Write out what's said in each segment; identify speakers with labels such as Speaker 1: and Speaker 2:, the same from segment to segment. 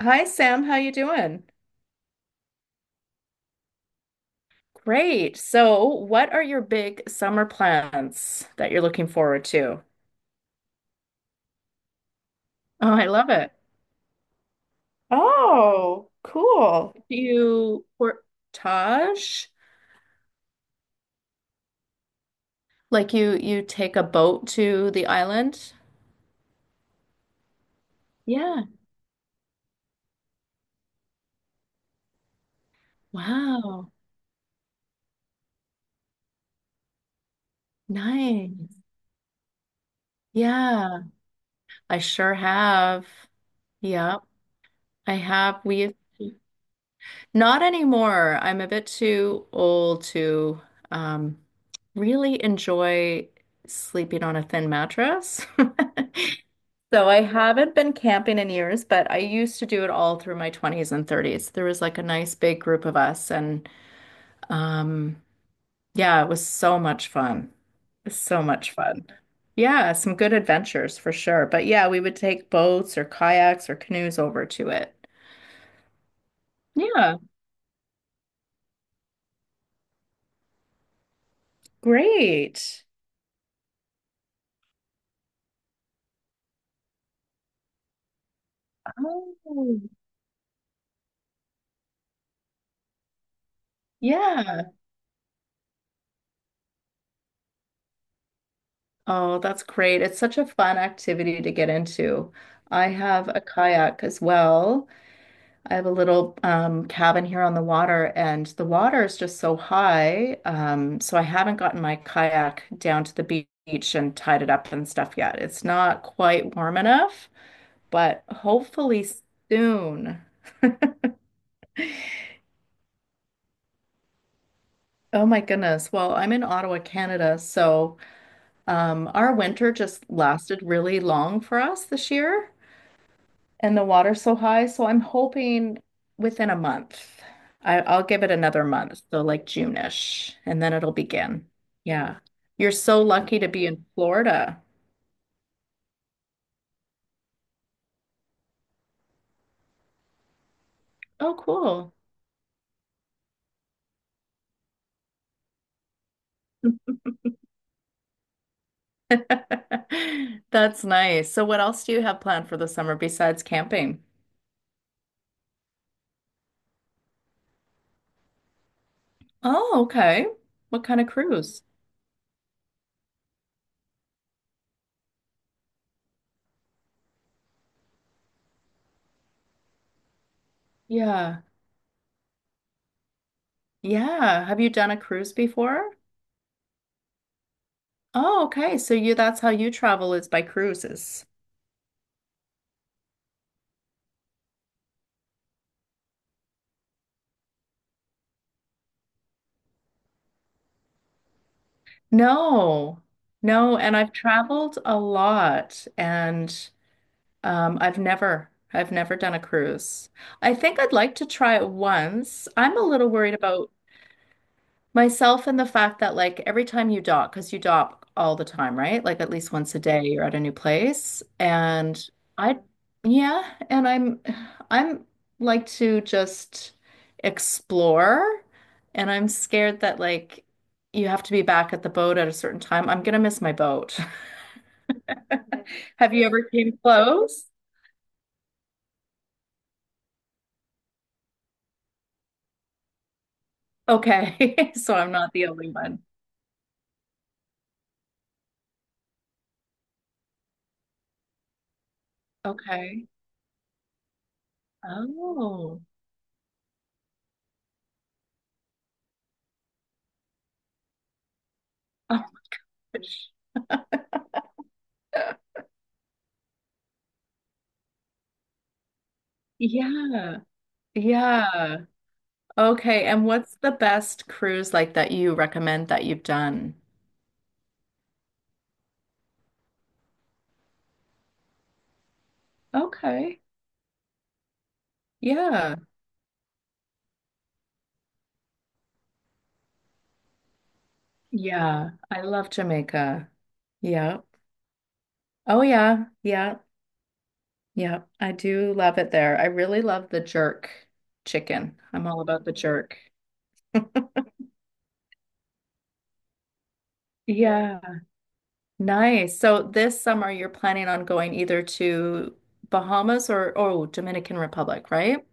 Speaker 1: Hi Sam, how you doing? Great. So, what are your big summer plans that you're looking forward to? Oh, I love it. Oh, cool. Do you portage? Like you take a boat to the island? Yeah. Wow. Nice. Yeah, I sure have. Yep, I have. We used to. Not anymore. I'm a bit too old to um, really enjoy sleeping on a thin mattress. So I haven't been camping in years, but I used to do it all through my 20s and 30s. There was like a nice big group of us, and um, yeah, it was so much fun. So much fun. Yeah, some good adventures for sure. But yeah, we would take boats or kayaks or canoes over to it. Yeah, great. Oh. Yeah. Oh, that's great. It's such a fun activity to get into. I have a kayak as well. I have a little cabin here on the water, and the water is just so high. So I haven't gotten my kayak down to the beach and tied it up and stuff yet. It's not quite warm enough, but hopefully soon. Oh my goodness. Well, I'm in Ottawa, Canada, so our winter just lasted really long for us this year. And the water's so high. So I'm hoping within a month. I'll give it another month, so like June-ish, and then it'll begin. Yeah. You're so lucky to be in Florida. Oh, cool. That's nice. So what else do you have planned for the summer besides camping? Oh, okay. What kind of cruise? Yeah. Yeah. Have you done a cruise before? Oh, okay. So you that's how you travel is by cruises. No, no, and I've traveled a lot and I've never done a cruise. I think I'd like to try it once. I'm a little worried about myself and the fact that like every time you dock, because you dock all the time, right? Like at least once a day you're at a new place. And I, yeah, and I'm like to just explore and I'm scared that like you have to be back at the boat at a certain time. I'm gonna miss my boat. Have you ever came close? Okay. So I'm not the only one. Okay. Oh. Oh my gosh. Yeah. Yeah. Okay, and what's the best cruise like that you recommend that you've done? Okay. Yeah. Yeah. I love Jamaica. Yeah. Oh yeah. Yeah. Yeah. I do love it there. I really love the jerk chicken. I'm all about the jerk. Yeah. Nice. So this summer you're planning on going either to Bahamas or oh, Dominican Republic, right?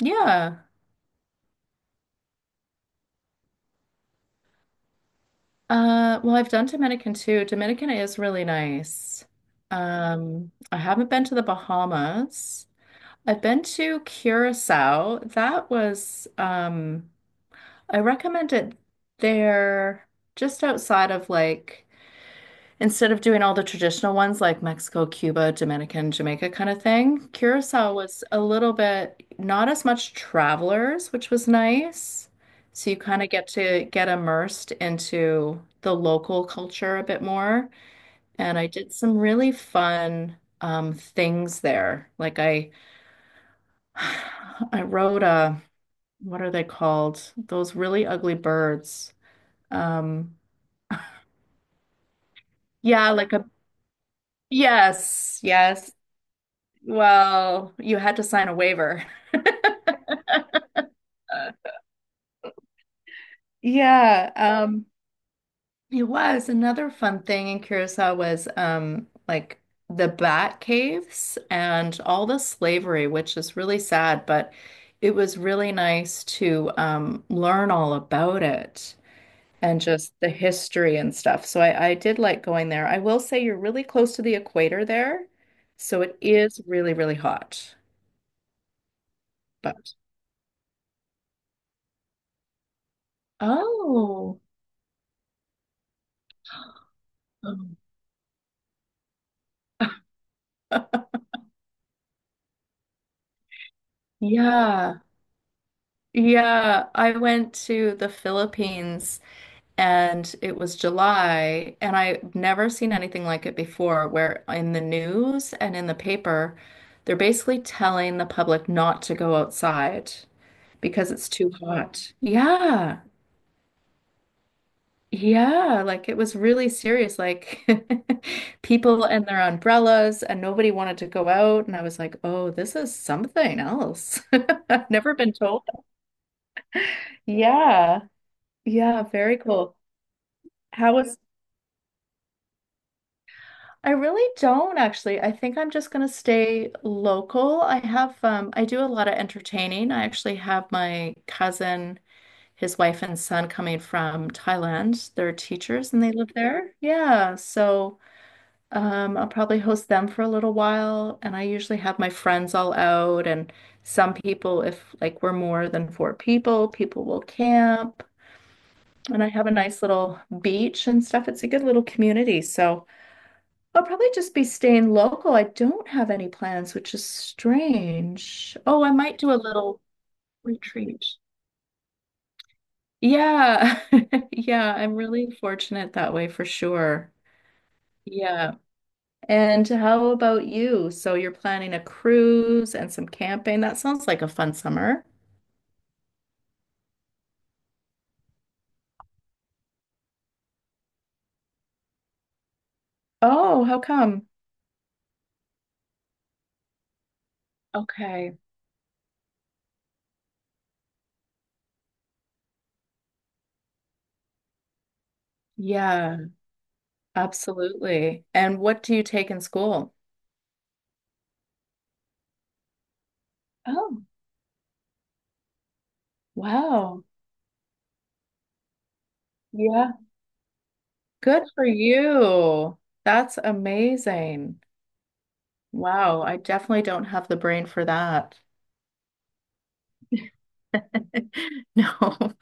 Speaker 1: Yeah. Well, I've done Dominican too. Dominican is really nice. I haven't been to the Bahamas. I've been to Curacao. That was, I recommend it there just outside of like instead of doing all the traditional ones like Mexico, Cuba, Dominican, Jamaica kind of thing, Curacao was a little bit not as much travelers, which was nice. So you kind of get to get immersed into the local culture a bit more. And I did some really fun things there. I rode a, what are they called? Those really ugly birds. Um, yeah, like a, yes, yes. Well, you had to sign a waiver. Yeah, it was another fun thing in Curacao was like the bat caves and all the slavery, which is really sad, but it was really nice to learn all about it and just the history and stuff. So I did like going there. I will say you're really close to the equator there, so it is really, really hot. But oh. Yeah. Yeah, I went to the Philippines and it was July, and I've never seen anything like it before, where in the news and in the paper, they're basically telling the public not to go outside because it's too hot. Yeah. Yeah, like it was really serious. Like people and their umbrellas, and nobody wanted to go out. And I was like, oh, this is something else. I've never been told. Yeah. Yeah, very cool. How was I really don't actually. I think I'm just gonna stay local. I have I do a lot of entertaining. I actually have my cousin, his wife and son coming from Thailand. They're teachers and they live there. Yeah, so I'll probably host them for a little while and I usually have my friends all out and some people if like we're more than four people, people will camp and I have a nice little beach and stuff. It's a good little community. So I'll probably just be staying local. I don't have any plans, which is strange. Oh, I might do a little retreat. Yeah. Yeah, I'm really fortunate that way for sure. Yeah. And how about you? So you're planning a cruise and some camping. That sounds like a fun summer. Oh, how come? Okay. Yeah, absolutely. And what do you take in school? Oh, wow. Good for you. That's amazing. Wow, I definitely don't have the brain for that. No,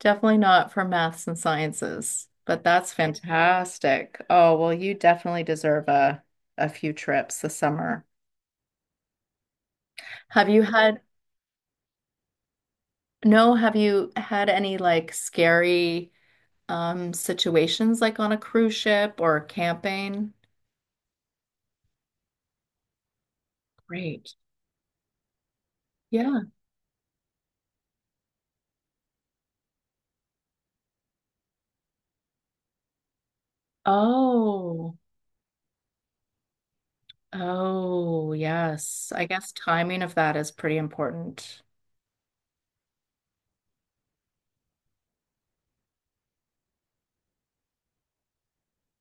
Speaker 1: definitely not for maths and sciences, but that's fantastic. Oh, well, you definitely deserve a few trips this summer. Have you had, no, have you had any like scary situations like on a cruise ship or camping? Great. Yeah. Oh. Oh, yes. I guess timing of that is pretty important.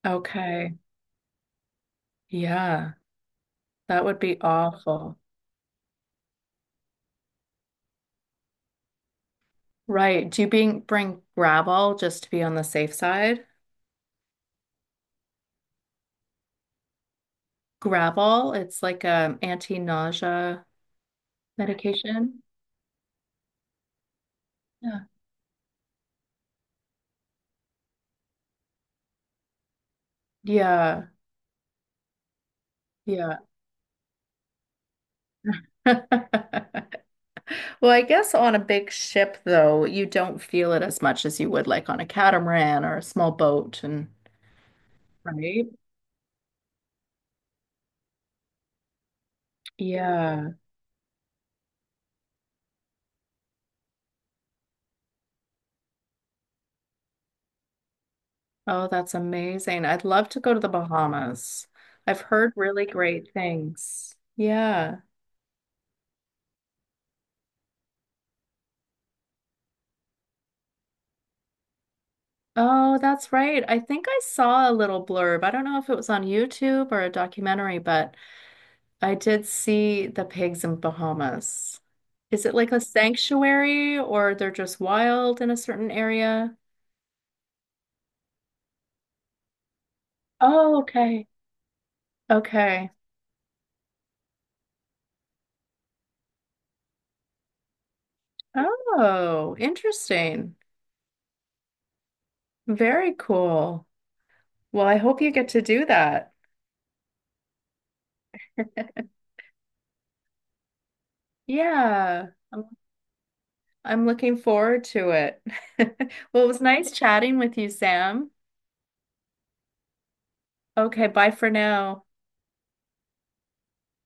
Speaker 1: Okay. Yeah, that would be awful. Right. Do you bring Gravol just to be on the safe side? Gravol, it's like anti-nausea medication. Yeah. Yeah. Yeah. Well, I guess on a big ship though, you don't feel it as much as you would like on a catamaran or a small boat and right. Yeah. Oh, that's amazing. I'd love to go to the Bahamas. I've heard really great things. Yeah. Oh, that's right. I think I saw a little blurb. I don't know if it was on YouTube or a documentary, but I did see the pigs in Bahamas. Is it like a sanctuary or they're just wild in a certain area? Oh, okay. Okay. Oh, interesting. Very cool. Well, I hope you get to do that. Yeah. I'm looking forward to it. Well, it was nice chatting with you, Sam. Okay, bye for now.